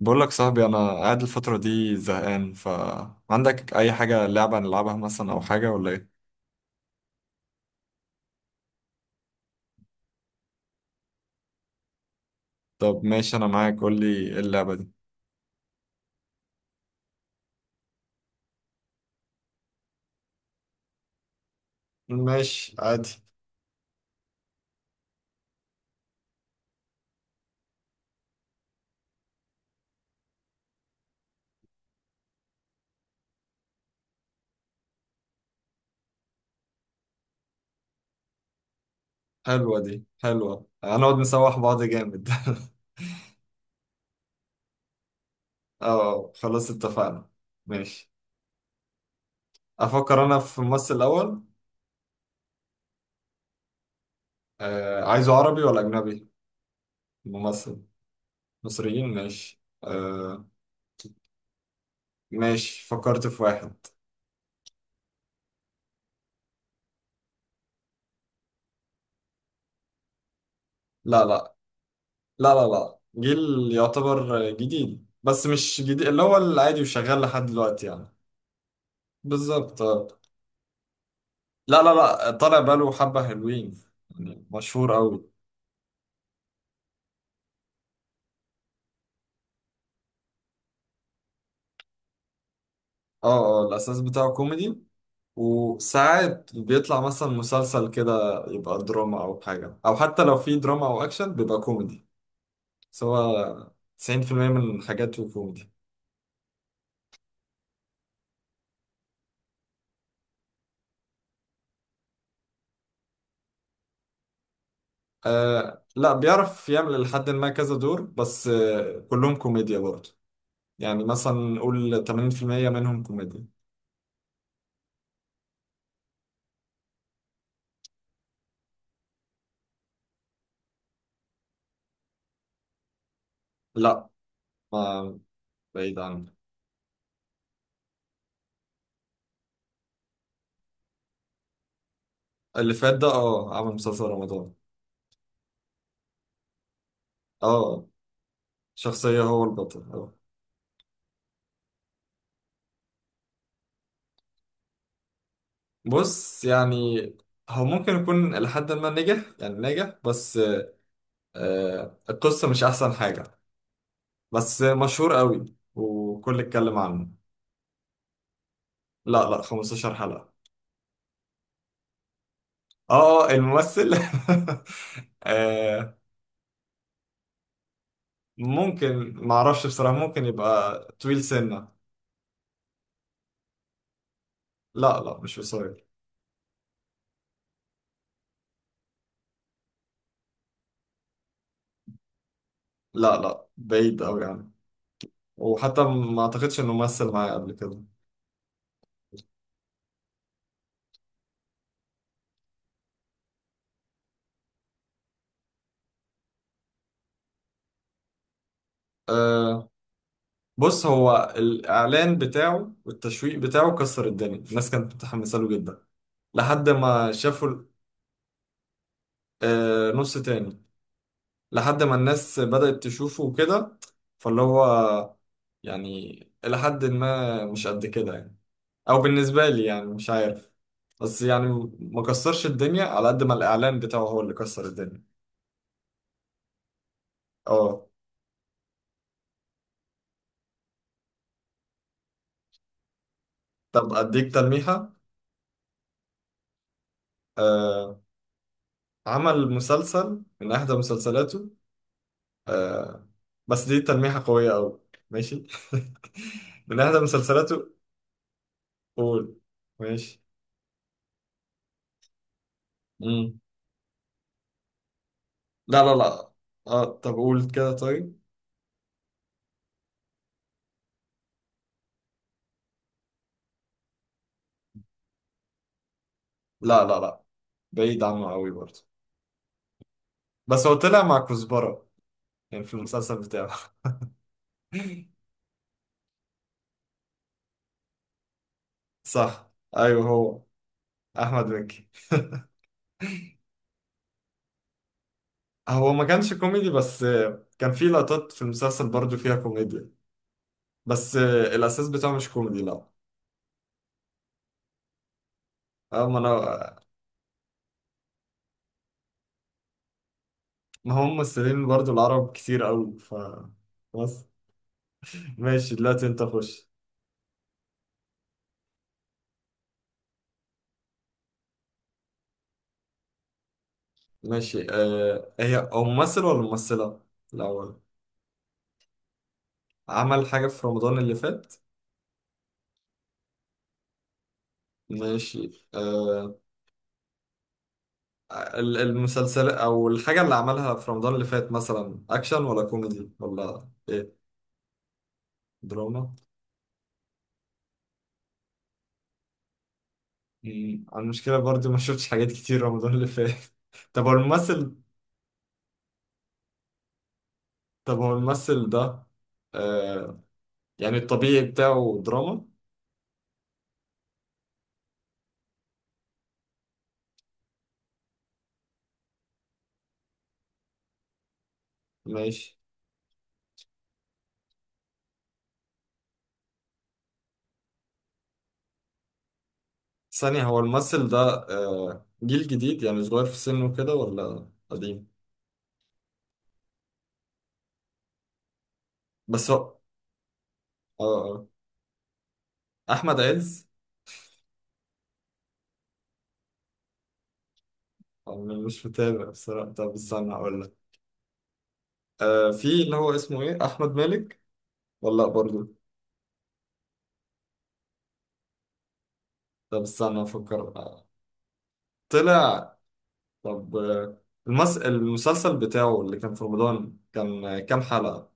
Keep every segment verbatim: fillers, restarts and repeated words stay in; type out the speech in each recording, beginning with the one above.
بقول لك صاحبي انا قاعد الفتره دي زهقان، فعندك اي حاجه لعبه نلعبها مثلا او حاجه ولا ايه؟ طب ماشي انا معاك، قول لي ايه اللعبه دي. ماشي عادي. حلوه دي حلوه، هنقعد نسوح بعض جامد اه خلاص اتفقنا، ماشي. افكر انا في ممثل الاول. آه عايزه عربي ولا اجنبي ممثل؟ مصريين ماشي آه. ماشي فكرت في واحد. لا لا. لا لا لا. جيل يعتبر جديد بس مش جديد، اللي هو العادي وشغال لحد دلوقتي يعني. بالظبط آه. لا لا لا، طالع بقاله حبة، حلوين يعني، مشهور أوي. اه. اه الأساس بتاعه كوميدي، وساعات بيطلع مثلا مسلسل كده يبقى دراما أو حاجة، أو حتى لو في دراما أو أكشن بيبقى كوميدي سواء. تسعين في المية من حاجاته كوميدي. آه لا، بيعرف يعمل لحد ما كذا دور، بس آه كلهم كوميديا برضه. يعني مثلا نقول تمانين في المية منهم كوميديا. لا. ما بعيد عنه. اللي فات ده اه، عمل مسلسل رمضان. اه. شخصية هو البطل اه. بص يعني هو ممكن يكون لحد ما نجح، يعني نجح بس آه القصة مش أحسن حاجة، بس مشهور قوي وكل اتكلم عنه. لا لا، خمسة عشر حلقة. اه آه، الممثل آه. ممكن معرفش بصراحة، ممكن يبقى طويل سنة. لا لا مش قصير. لا لا بعيد أوي يعني، وحتى ما أعتقدش إنه مثل معايا قبل كده. أه، بص هو الإعلان بتاعه والتشويق بتاعه كسر الدنيا، الناس كانت متحمسة له جدا لحد ما شافوا ال-. آه نص تاني. لحد ما الناس بدأت تشوفه وكده، فاللي هو يعني إلى حد ما مش قد كده يعني، أو بالنسبة لي يعني مش عارف، بس يعني ما كسرش الدنيا على قد ما الإعلان بتاعه هو اللي كسر الدنيا. اه. طب أديك تلميحة. آه عمل مسلسل من احدى مسلسلاته آه. بس دي تلميحة قوية قوي. ماشي من احدى مسلسلاته. قول. ماشي. مم. لا لا لا اه طب قول كده طيب. لا لا لا، بعيد عنه قوي برضه. بس هو طلع مع كزبرة يعني في المسلسل بتاعه صح، ايوه هو. احمد مكي. هو ما كانش كوميدي بس آه، كان في لقطات في المسلسل برضه فيها كوميديا. بس آه، الاساس بتاعه مش كوميدي لا. اه ما انا. ما هم ممثلين برضو العرب كتير قوي ف. بس. ماشي دلوقتي انت خش. ماشي آه، هي هو ممثل ولا ممثلة الأول؟ عمل حاجة في رمضان اللي فات؟ ماشي آه، ال- المسلسل أو الحاجة اللي عملها في رمضان اللي فات مثلا أكشن ولا كوميدي ولا إيه؟ دراما. مم، أنا المشكلة برضو ما شفتش حاجات كتير رمضان اللي فات طب هو الممثل. طب هو الممثل ده آه، يعني الطبيعي بتاعه دراما؟ ماشي. ثانية، هو الممثل ده آه، جيل جديد يعني صغير في سنه كده ولا قديم؟ بس هو اه آه. أحمد عز؟ أنا مش متابع بصراحة، طب استنى هقول لك. آه، في اللي هو اسمه إيه، أحمد مالك ولا لأ برضه؟ طب استنى أفكر آه، طلع. طب آه، المس... المسلسل بتاعه اللي كان في رمضان كان آه، كام حلقة؟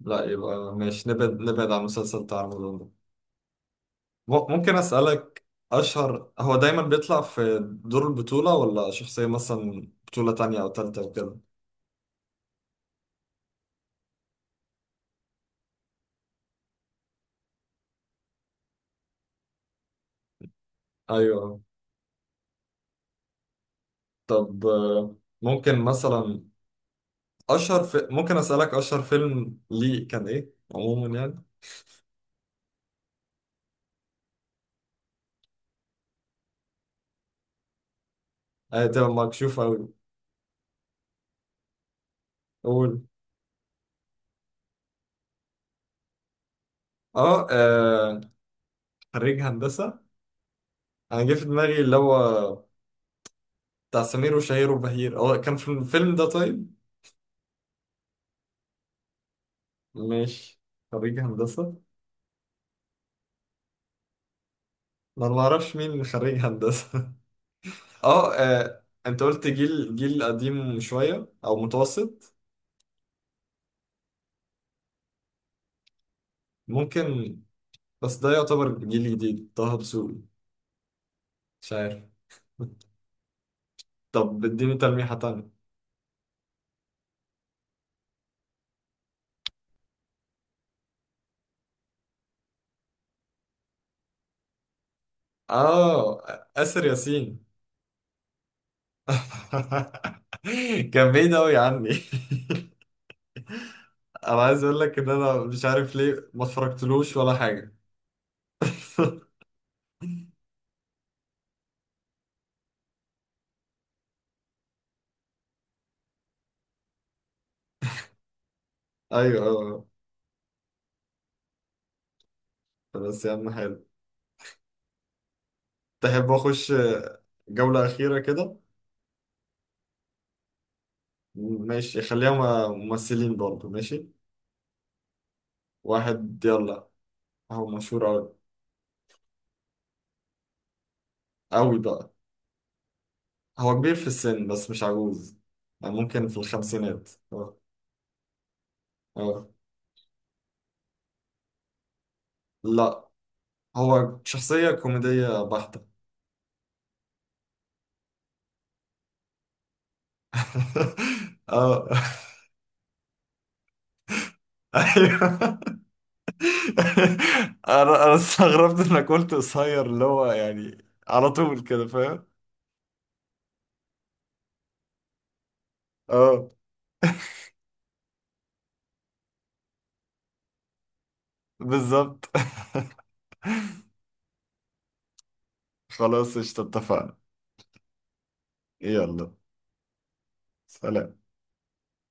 لا يبقى ماشي، نبعد نبعد عن المسلسل بتاع رمضان ده. م- ممكن أسألك، أشهر هو دايما بيطلع في دور البطولة ولا شخصية مثلا بطولة تانية أو تالتة وكده؟ أيوه. طب آه، ممكن مثلا، أشهر في... ممكن أسألك أشهر فيلم ليه كان إيه عموما يعني؟ أيوة تبقى مكشوف أوي. قول. أه آه، خريج هندسة. أنا جه في دماغي اللي هو بتاع سمير وشهير وبهير، هو كان في الفيلم ده؟ طيب ماشي. خريج هندسة. أنا ما أعرفش مين خريج هندسة. اه آه، انت قلت جيل جيل قديم شوية او متوسط؟ ممكن. بس ده يعتبر جيل جديد، طه دسوقي؟ مش عارف. طب اديني تلميحة تانية. اه، آسر ياسين؟ كان بعيد أوي عني. انا عايز اقول لك ان انا مش عارف ليه ما اتفرجتلوش ولا حاجة ايوه اه. آه، بس يا عم حلو. تحب اخش جولة أخيرة كده؟ ماشي خليها م- ممثلين برضه. ماشي، واحد، يلا. هو مشهور أوي، أوي بقى. هو كبير في السن بس مش عجوز، يعني ممكن في الخمسينات اه. اه لا، هو شخصية كوميدية بحتة. اه، ايوه. انا انا استغربت انك قلت قصير، اللي هو يعني على طول كده فاهم. اه بالظبط خلاص قشطة اتفقنا. يلا. سلام.